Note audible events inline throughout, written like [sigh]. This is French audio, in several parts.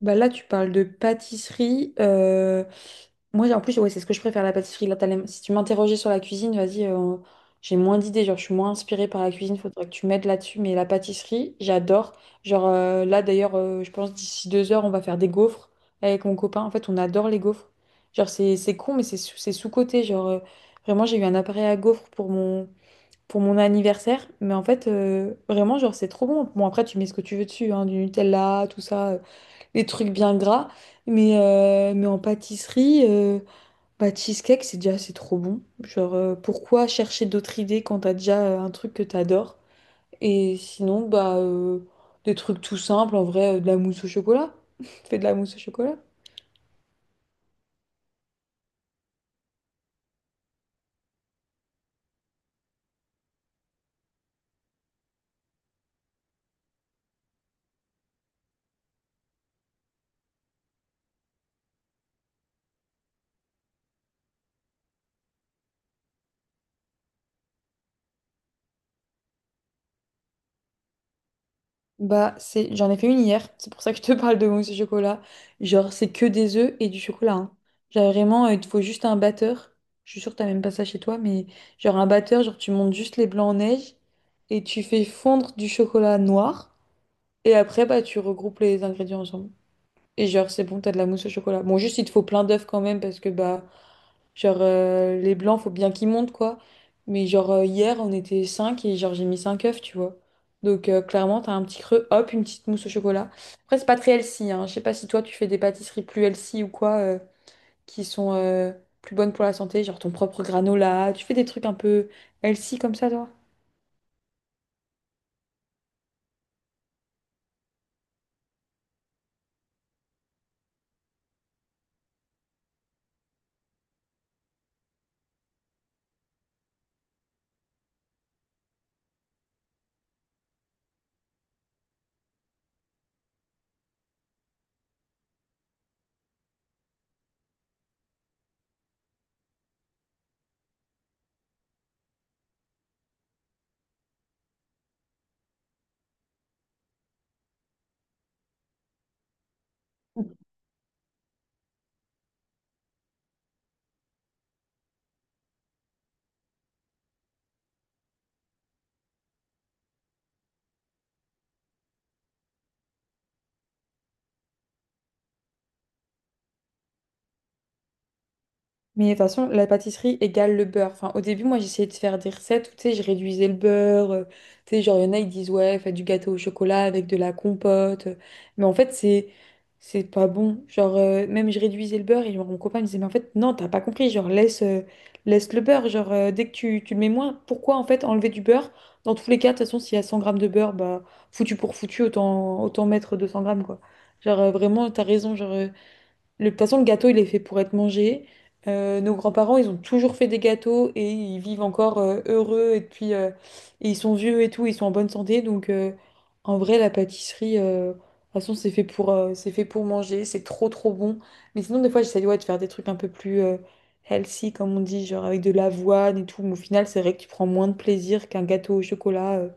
Bah là, tu parles de pâtisserie. Moi, en plus, ouais, c'est ce que je préfère, la pâtisserie. Là, si tu m'interrogeais sur la cuisine, vas-y, j'ai moins d'idées. Genre, je suis moins inspirée par la cuisine. Faudrait que tu m'aides là-dessus. Mais la pâtisserie, j'adore. Genre, là, d'ailleurs, je pense d'ici 2 heures, on va faire des gaufres avec mon copain. En fait, on adore les gaufres. Genre, c'est con, mais c'est sous-coté. Genre, vraiment, j'ai eu un appareil à gaufres pour pour mon anniversaire. Mais en fait, vraiment, genre, c'est trop bon. Bon, après, tu mets ce que tu veux dessus, hein, du Nutella, tout ça, les trucs bien gras. Mais en pâtisserie, bah, cheesecake, c'est déjà, c'est trop bon. Genre, pourquoi chercher d'autres idées quand t'as déjà un truc que t'adores? Et sinon, bah, des trucs tout simples, en vrai, de la mousse au chocolat. [laughs] Fais de la mousse au chocolat. Bah, c'est... J'en ai fait une hier, c'est pour ça que je te [laughs] parle de mousse au chocolat. Genre, c'est que des œufs et du chocolat, hein. Genre, vraiment, il te faut juste un batteur. Je suis sûre que t'as même pas ça chez toi, mais genre un batteur, genre tu montes juste les blancs en neige et tu fais fondre du chocolat noir. Et après, bah, tu regroupes les ingrédients ensemble. Et genre, c'est bon, t'as de la mousse au chocolat. Bon, juste, il te faut plein d'œufs quand même, parce que, bah, genre, les blancs, faut bien qu'ils montent, quoi. Mais genre, hier, on était 5 et genre, j'ai mis 5 œufs, tu vois. Donc, clairement, t'as un petit creux, hop, une petite mousse au chocolat. Après, c'est pas très healthy, hein. Je sais pas si toi, tu fais des pâtisseries plus healthy ou quoi, qui sont plus bonnes pour la santé, genre ton propre granola. Tu fais des trucs un peu healthy comme ça, toi? Mais de toute façon, la pâtisserie égale le beurre. Enfin, au début, moi, j'essayais de faire des recettes où, tu sais, je réduisais le beurre. Tu sais, genre, il y en a, ils disent, ouais, faites du gâteau au chocolat avec de la compote. Mais en fait, c'est pas bon. Genre, même je réduisais le beurre et genre, mon copain me disait, mais en fait, non, t'as pas compris. Genre, laisse le beurre. Genre, dès que tu le mets moins, pourquoi, en fait, enlever du beurre? Dans tous les cas, de toute façon, s'il y a 100 grammes de beurre, bah, foutu pour foutu, autant mettre 200 grammes, quoi. Genre, vraiment, t'as raison. Genre, De toute façon, le gâteau, il est fait pour être mangé. Nos grands-parents, ils ont toujours fait des gâteaux et ils vivent encore heureux. Et puis, et ils sont vieux et tout, ils sont en bonne santé. Donc, en vrai, la pâtisserie, de toute façon, c'est fait pour manger. C'est trop, trop bon. Mais sinon, des fois, j'essaie ouais, de faire des trucs un peu plus healthy, comme on dit, genre avec de l'avoine et tout. Mais au final, c'est vrai que tu prends moins de plaisir qu'un gâteau au chocolat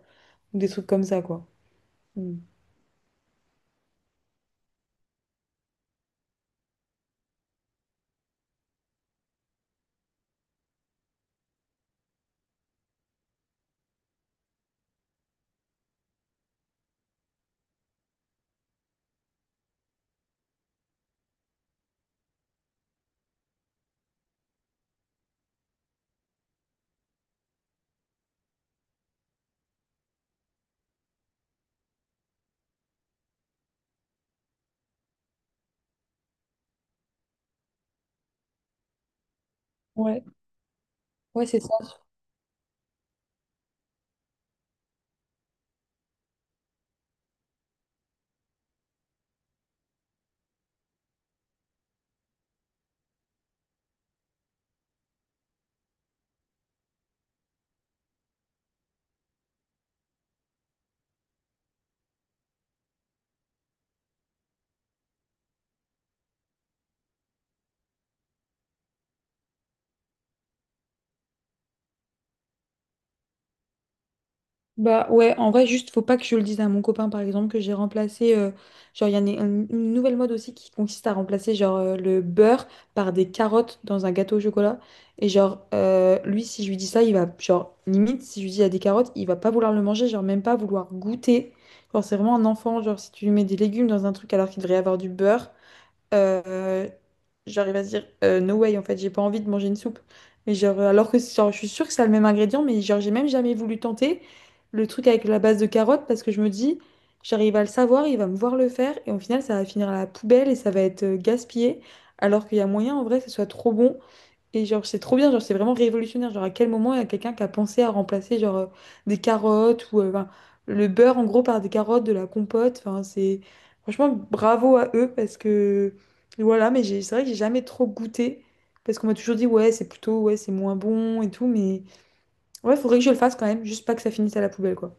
ou des trucs comme ça, quoi. Mm. Ouais, ouais, c'est... Bah ouais, en vrai, juste faut pas que je le dise à mon copain, par exemple, que j'ai remplacé, genre, il y en a une nouvelle mode aussi qui consiste à remplacer, genre, le beurre par des carottes dans un gâteau au chocolat. Et genre, lui, si je lui dis ça, il va, genre, limite, si je lui dis il y a des carottes, il va pas vouloir le manger, genre, même pas vouloir goûter. Genre, c'est vraiment un enfant, genre, si tu lui mets des légumes dans un truc alors qu'il devrait y avoir du beurre, euh, j'arrive à se dire no way, en fait j'ai pas envie de manger une soupe, mais genre alors que genre, je suis sûre que c'est le même ingrédient, mais genre j'ai même jamais voulu tenter le truc avec la base de carottes parce que je me dis, j'arrive à le savoir, il va me voir le faire et au final ça va finir à la poubelle et ça va être gaspillé, alors qu'il y a moyen en vrai que ce soit trop bon. Et genre, c'est trop bien, genre, c'est vraiment révolutionnaire. Genre, à quel moment il y a quelqu'un qui a pensé à remplacer, genre, des carottes ou ben, le beurre, en gros, par des carottes, de la compote. Enfin, c'est... Franchement, bravo à eux parce que... Voilà, mais c'est vrai que j'ai jamais trop goûté parce qu'on m'a toujours dit, ouais, c'est plutôt, ouais, c'est moins bon et tout, mais... Ouais, faudrait que je le fasse quand même, juste pas que ça finisse à la poubelle, quoi.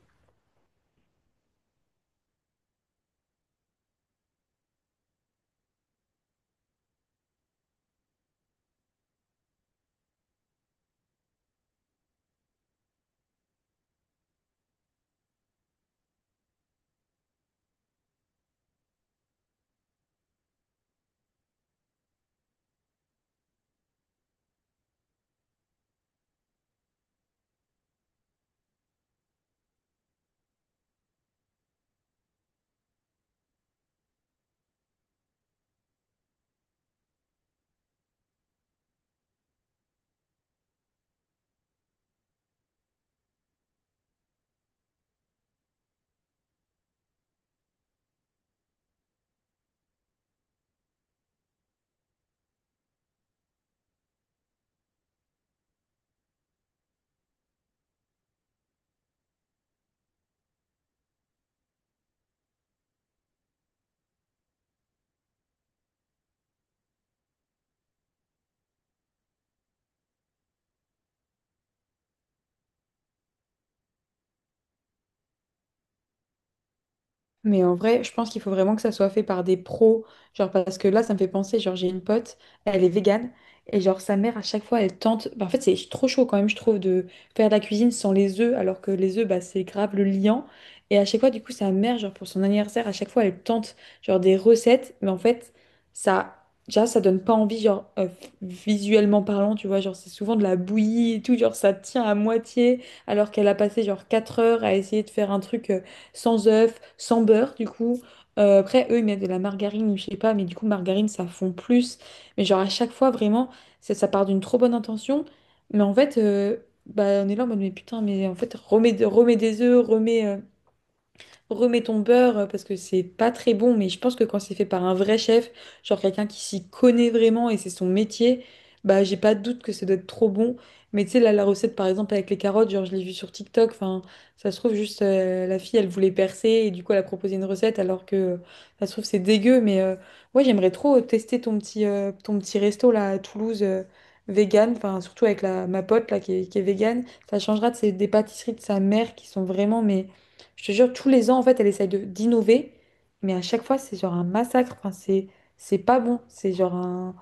Mais en vrai, je pense qu'il faut vraiment que ça soit fait par des pros. Genre, parce que là, ça me fait penser, genre, j'ai une pote, elle est végane, et genre, sa mère, à chaque fois, elle tente. Bah, en fait, c'est trop chaud quand même, je trouve, de faire de la cuisine sans les œufs, alors que les œufs, bah, c'est grave le liant. Et à chaque fois, du coup, sa mère, genre, pour son anniversaire, à chaque fois, elle tente, genre, des recettes, mais en fait, ça... Déjà, ça donne pas envie, genre, visuellement parlant, tu vois, genre, c'est souvent de la bouillie et tout, genre, ça tient à moitié, alors qu'elle a passé, genre, 4 heures à essayer de faire un truc, sans œufs, sans beurre, du coup. Après, eux, ils mettent de la margarine, ou je sais pas, mais du coup, margarine, ça fond plus. Mais genre, à chaque fois, vraiment, ça part d'une trop bonne intention. Mais en fait, bah, on est là en mode, mais putain, mais en fait, remets des œufs, remets ton beurre, parce que c'est pas très bon, mais je pense que quand c'est fait par un vrai chef, genre quelqu'un qui s'y connaît vraiment et c'est son métier, bah j'ai pas de doute que ça doit être trop bon. Mais tu sais, là, la recette par exemple avec les carottes, genre je l'ai vue sur TikTok, enfin ça se trouve juste la fille elle voulait percer et du coup elle a proposé une recette alors que ça se trouve c'est dégueu, mais ouais, j'aimerais trop tester ton ton petit resto là à Toulouse, vegan, enfin surtout avec ma pote là qui est vegan, ça changera de des pâtisseries de sa mère qui sont vraiment, mais je te jure, tous les ans, en fait, elle essaye de d'innover, mais à chaque fois, c'est genre un massacre. Enfin, c'est pas bon. C'est genre un,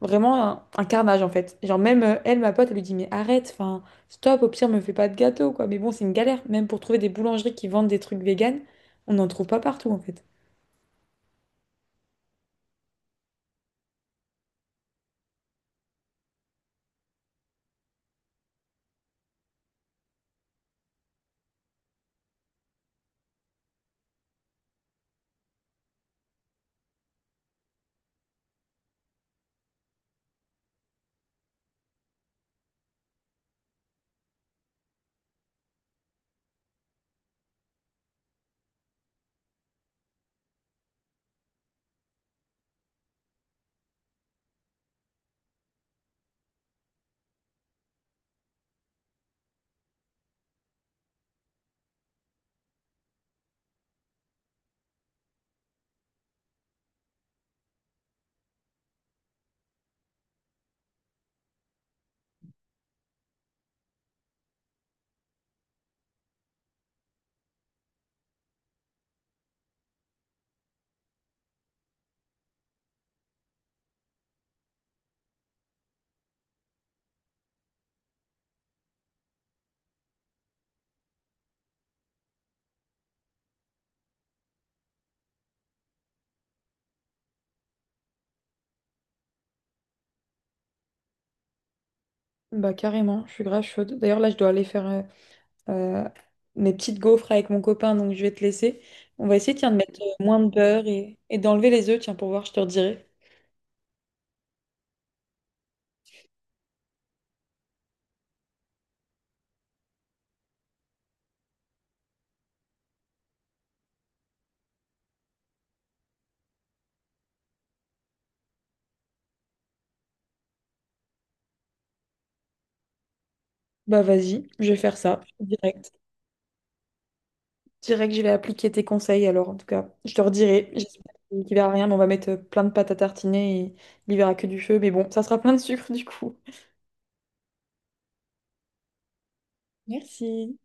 vraiment un carnage, en fait. Genre même elle, ma pote, elle lui dit, mais arrête, enfin, stop. Au pire, me fais pas de gâteau, quoi. Mais bon, c'est une galère. Même pour trouver des boulangeries qui vendent des trucs véganes, on n'en trouve pas partout, en fait. Bah carrément, je suis grave chaude. D'ailleurs là, je dois aller faire euh, mes petites gaufres avec mon copain, donc je vais te laisser. On va essayer, tiens, de mettre moins de beurre et d'enlever les œufs, tiens, pour voir, je te redirai. Bah vas-y, je vais faire ça, direct. Direct, je vais appliquer tes conseils alors, en tout cas. Je te redirai. J'espère qu'il verra rien, mais on va mettre plein de pâtes à tartiner et il verra que du feu. Mais bon, ça sera plein de sucre du coup. Merci.